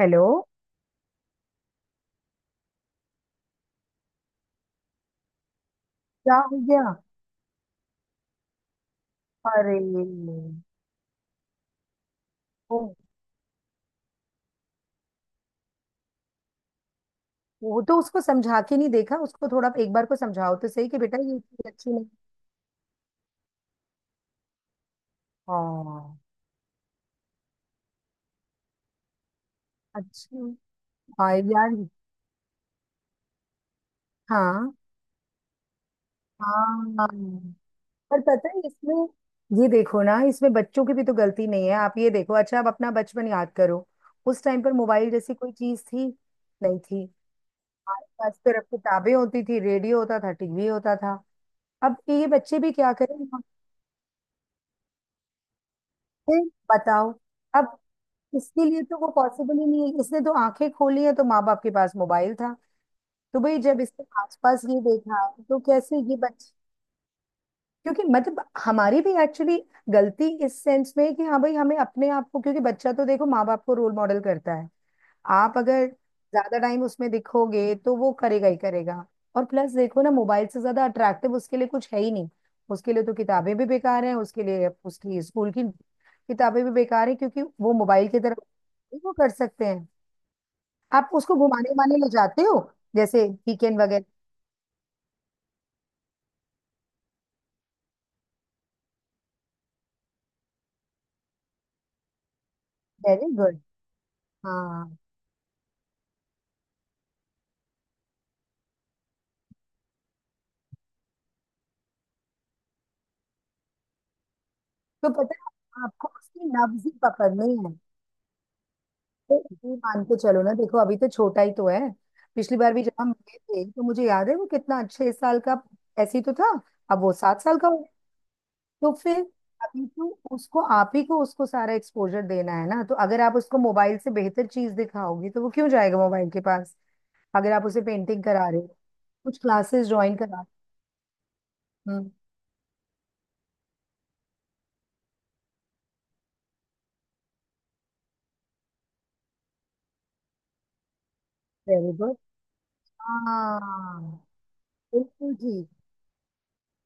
Hello. क्या हो गया? अरे। वो वो तो उसको समझा के नहीं देखा, उसको थोड़ा एक बार को समझाओ तो सही कि बेटा ये चीज अच्छी नहीं। हाँ। अच्छा। हाँ यार। हाँ। हाँ। पर पता है इसमें, ये देखो ना, इसमें बच्चों की भी तो गलती नहीं है। आप ये देखो। अच्छा आप अपना बचपन याद करो, उस टाइम पर मोबाइल जैसी कोई चीज थी? नहीं थी। हमारे पास सिर्फ किताबें होती थी, रेडियो होता था, टीवी होता था। अब ये बच्चे भी क्या करें? फिर बताओ। अब इसके लिए तो वो पॉसिबल ही नहीं है, इसने तो आंखें खोली है तो माँ बाप के पास मोबाइल था। तो भाई जब इसने आसपास ये देखा तो कैसे ये बच। क्योंकि मतलब हमारी भी एक्चुअली गलती इस सेंस में है कि हाँ भाई हमें अपने आप को, क्योंकि बच्चा तो देखो माँ बाप को रोल मॉडल करता है। आप अगर ज्यादा टाइम उसमें दिखोगे तो वो करेगा ही करेगा। और प्लस देखो ना, मोबाइल से ज्यादा अट्रैक्टिव उसके लिए कुछ है ही नहीं। उसके लिए तो किताबें भी बेकार हैं, उसके लिए उसकी स्कूल की किताबें भी बेकार है क्योंकि वो मोबाइल की तरफ। नहीं वो कर सकते हैं। आप उसको घुमाने उमाने ले जाते हो, जैसे वीकेंड वगैरह? Very good. हाँ। तो पता है आपको उसकी नब्ज ही पकड़नी है। तो ये मान के चलो ना, देखो अभी तो छोटा ही तो है। पिछली बार भी जब हम मिले थे तो मुझे याद है वो कितना 6 साल का ऐसे ही तो था। अब वो 7 साल का हो गया। तो फिर अभी तो उसको आप ही को उसको सारा एक्सपोजर देना है ना, तो अगर आप उसको मोबाइल से बेहतर चीज दिखाओगे तो वो क्यों जाएगा मोबाइल के पास? अगर आप उसे पेंटिंग करा रहे हो, कुछ क्लासेस ज्वाइन करा। हम्म। Very good. हाँ। बिल्कुल ठीक।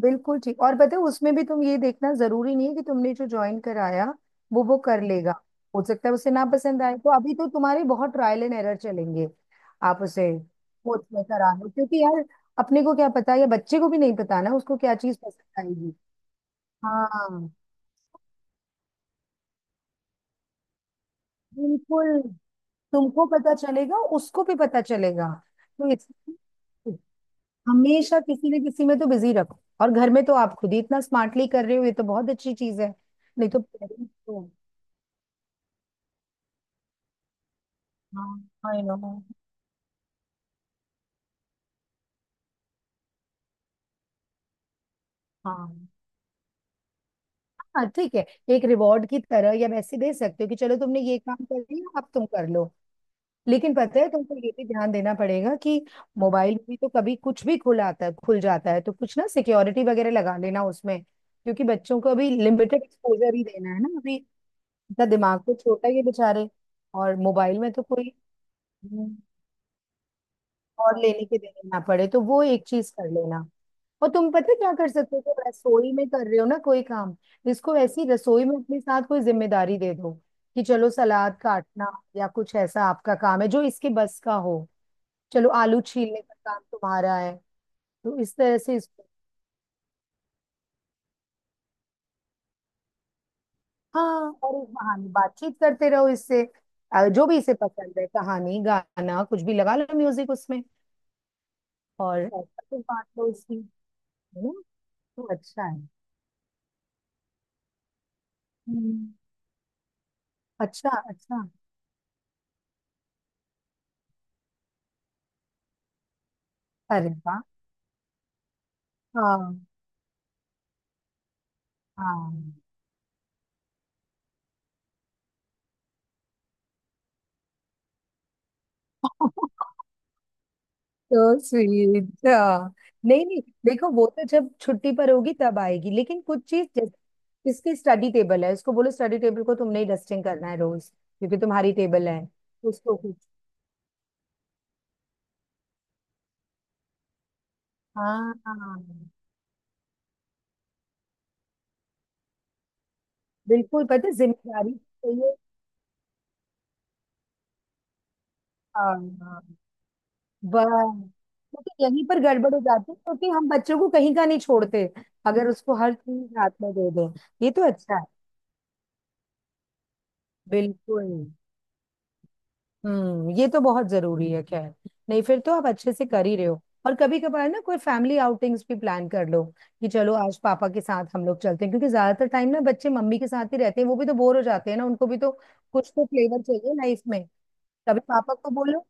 बिल्कुल ठीक और पता है उसमें भी तुम ये देखना जरूरी नहीं है कि तुमने जो ज्वाइन कराया वो कर लेगा। हो सकता है उसे ना पसंद आए, तो अभी तो तुम्हारे बहुत ट्रायल एंड एरर चलेंगे। आप उसे कोच में करा लो क्योंकि यार अपने को क्या पता, या बच्चे को भी नहीं पता ना उसको क्या चीज पसंद आएगी। हाँ। बिल्कुल। तुमको पता चलेगा, उसको भी पता चलेगा। तो इस- हमेशा किसी न किसी में तो बिजी रखो, और घर में तो आप खुद ही इतना स्मार्टली कर रहे हो, ये तो बहुत अच्छी चीज है। नहीं तो पेरेंट्स तो। हाँ आई नो। हाँ हाँ ठीक है। एक रिवॉर्ड की तरह या वैसे दे सकते हो कि चलो तुमने ये काम कर लिया अब तुम कर लो। लेकिन पता है तुमको ये भी ध्यान देना पड़ेगा कि मोबाइल में भी तो कभी कुछ भी खुल आता है, खुल जाता है, तो कुछ ना सिक्योरिटी वगैरह लगा लेना उसमें क्योंकि बच्चों को अभी लिमिटेड एक्सपोजर ही देना है ना, अभी इनका दिमाग तो छोटा ही है बेचारे। और मोबाइल में तो कोई हम्म, और लेने के देने ना पड़े, तो वो एक चीज कर लेना। और तुम पता है क्या कर सकते हो, तुम रसोई में कर रहे हो ना कोई काम, इसको वैसी रसोई में अपने साथ कोई जिम्मेदारी दे दो कि चलो सलाद काटना, या कुछ ऐसा आपका काम है जो इसके बस का हो। चलो आलू छीलने का काम तुम्हारा है। तो इस तरह से इसको। हाँ, और इस बहाने बातचीत करते रहो इससे। जो भी इसे पसंद है कहानी गाना, कुछ भी लगा लो म्यूजिक उसमें। और ऐसा कुछ बांट लो इसकी, है ना? तो अच्छा है। हम्म। अच्छा अच्छा। अरे वाह। हाँ हाँ। तो स्वीट। हाँ। नहीं नहीं, देखो वो तो जब छुट्टी पर होगी तब आएगी, लेकिन कुछ चीज जैसे इसकी स्टडी टेबल है उसको बोलो स्टडी टेबल को तुमने ही डस्टिंग करना है रोज। क्योंकि तुम्हारी टेबल है। उसको कुछ। हाँ हाँ। बिल्कुल पता है, जिम्मेदारी चाहिए। हाँ हाँ, बस क्योंकि यहीं पर गड़बड़ हो जाती है क्योंकि हम बच्चों को कहीं का नहीं छोड़ते, अगर उसको हर चीज हाथ में दे दें। ये तो अच्छा है। बिल्कुल। ये तो बहुत जरूरी है खैर। नहीं फिर तो आप अच्छे से कर ही रहे हो। और कभी कभार ना कोई फैमिली आउटिंग्स भी प्लान कर लो, कि चलो आज पापा के साथ हम लोग चलते हैं, क्योंकि ज्यादातर टाइम ना बच्चे मम्मी के साथ ही रहते हैं, वो भी तो बोर हो जाते हैं ना, उनको भी तो कुछ तो फ्लेवर चाहिए लाइफ में। कभी पापा को बोलो।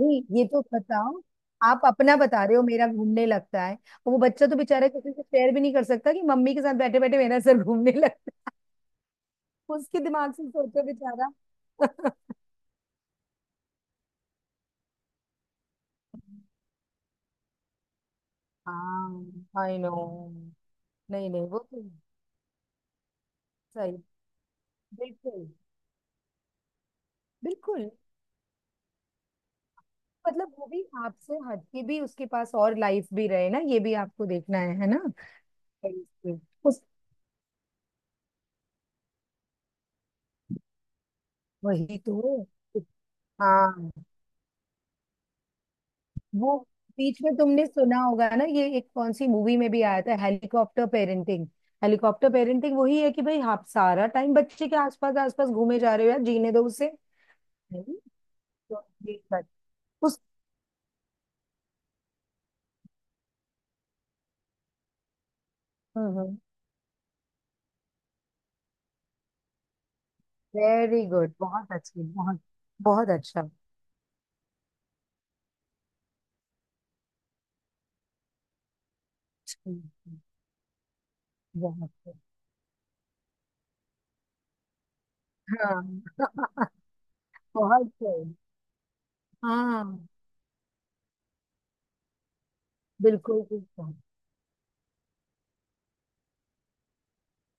नहीं ये तो बताओ, आप अपना बता रहे हो मेरा घूमने लगता है, वो बच्चा तो बेचारा किसी से शेयर भी नहीं कर सकता कि मम्मी के साथ बैठे बैठे मेरा सर घूमने लगता है। उसके दिमाग से सोचो बेचारा। हाँ आई नो। नहीं नहीं वो तो। सही। बिल्कुल बिल्कुल। मतलब वो भी आपसे हटके भी उसके पास और लाइफ भी रहे ना, ये भी आपको देखना है ना? बिल्कुल। उस वही तो। हाँ, वो बीच में तुमने सुना होगा ना ये एक कौन सी मूवी में भी आया था, हेलीकॉप्टर पेरेंटिंग। हेलीकॉप्टर पेरेंटिंग वही है कि भाई आप सारा टाइम बच्चे के आसपास आसपास घूमे जा रहे हो, यार जीने दो उसे। नहीं, तो ये बात- उस वेरी गुड। बहुत अच्छी, बहुत बहुत अच्छा। बहुत सही। हाँ। बहुत सही। हाँ। बिल्कुल बिल्कुल।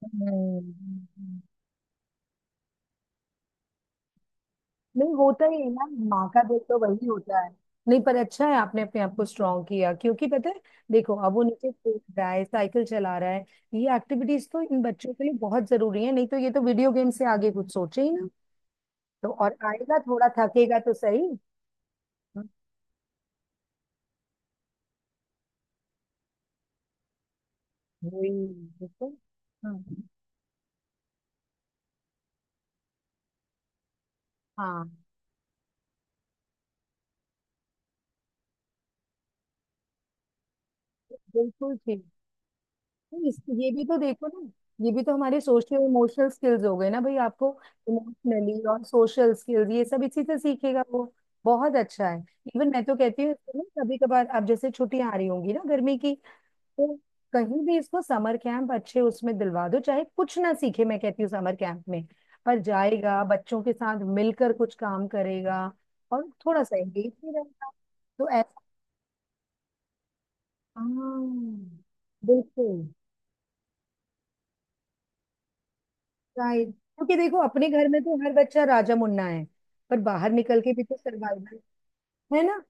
हम्म, नहीं होता ही है ना, माँ का दिल तो वही होता है। नहीं पर अच्छा है आपने अपने आप को स्ट्रांग किया, क्योंकि पता है देखो अब वो नीचे कूद रहा है, साइकिल चला रहा है। ये एक्टिविटीज तो इन बच्चों के लिए बहुत जरूरी है, नहीं तो ये तो वीडियो गेम से आगे कुछ सोचे ही ना। तो और आएगा थोड़ा थकेगा तो सही। हाँ, वही। बिल्कुल। हाँ हाँ। बिल्कुल ठीक। ये भी तो देखो ना, ये भी तो हमारे सोशल इमोशनल स्किल्स हो गए ना भाई आपको। इमोशनली और सोशल स्किल्स ये सब इसी से सीखेगा वो। बहुत अच्छा है। इवन मैं तो कहती हूँ इसको ना, कभी कभार आप जैसे छुट्टियां आ रही होंगी ना गर्मी की, तो कहीं भी इसको समर कैंप अच्छे उसमें दिलवा दो। चाहे कुछ ना सीखे, मैं कहती हूँ, समर कैंप में पर जाएगा, बच्चों के साथ मिलकर कुछ काम करेगा, और थोड़ा सा एंगेज भी रहेगा। तो ऐसा। हाँ। बिल्कुल। राइट, क्योंकि देखो अपने घर में तो हर बच्चा राजा मुन्ना है, पर बाहर निकल के भी तो सर्वाइवल है ना।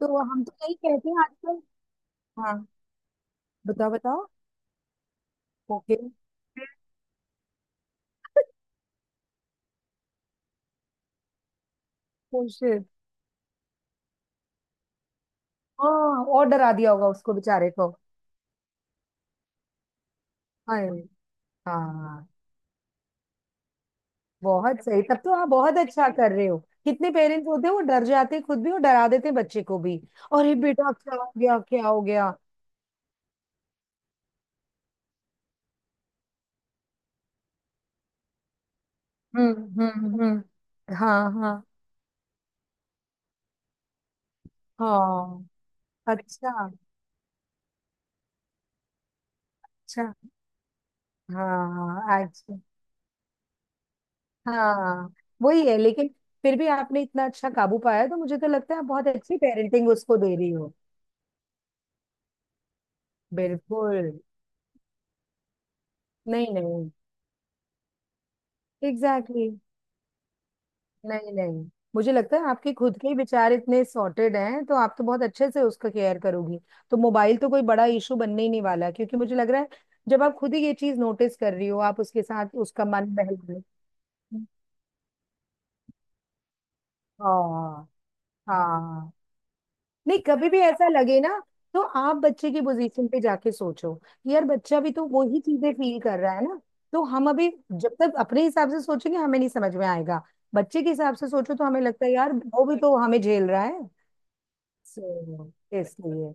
तो हम तो यही कहते हैं आजकल। हाँ, बताओ बताओ। ओके। शिट। हाँ, और डरा दिया होगा उसको बेचारे को। हाय। हाँ, बहुत सही, तब तो आप बहुत अच्छा कर रहे हो। कितने पेरेंट्स होते हैं वो डर जाते हैं खुद भी, और डरा देते हैं बच्चे को भी, अरे बेटा क्या हो गया क्या हो गया। हाँ हाँ। हाँ अच्छा। अच्छा। हाँ। अच्छा। हाँ वही है लेकिन फिर भी आपने इतना अच्छा काबू पाया, तो मुझे तो लगता है आप बहुत अच्छी पेरेंटिंग उसको दे रही हो। बिल्कुल। नहीं नहीं। Exactly exactly. नहीं नहीं, मुझे लगता है आपके खुद के ही विचार इतने सॉर्टेड हैं, तो आप तो बहुत अच्छे से उसका केयर करोगी। तो मोबाइल तो कोई बड़ा इशू बनने ही नहीं वाला, क्योंकि मुझे लग रहा है जब आप खुद ही ये चीज नोटिस कर रही हो, आप उसके साथ उसका मन बहल रहे हो। हाँ। हाँ। नहीं कभी भी ऐसा लगे ना, तो आप बच्चे की पोजीशन पे जाके सोचो कि यार बच्चा भी तो वही चीजें फील कर रहा है ना। तो हम अभी जब तक अपने हिसाब से सोचेंगे हमें नहीं समझ में आएगा, बच्चे के हिसाब से सोचो तो हमें लगता है यार वो भी तो हमें झेल रहा है। सो इसलिए।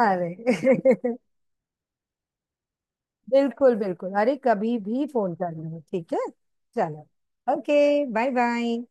अरे बिल्कुल बिल्कुल। अरे कभी भी फोन करना, ठीक है। चलो। ओके। बाय। बाय।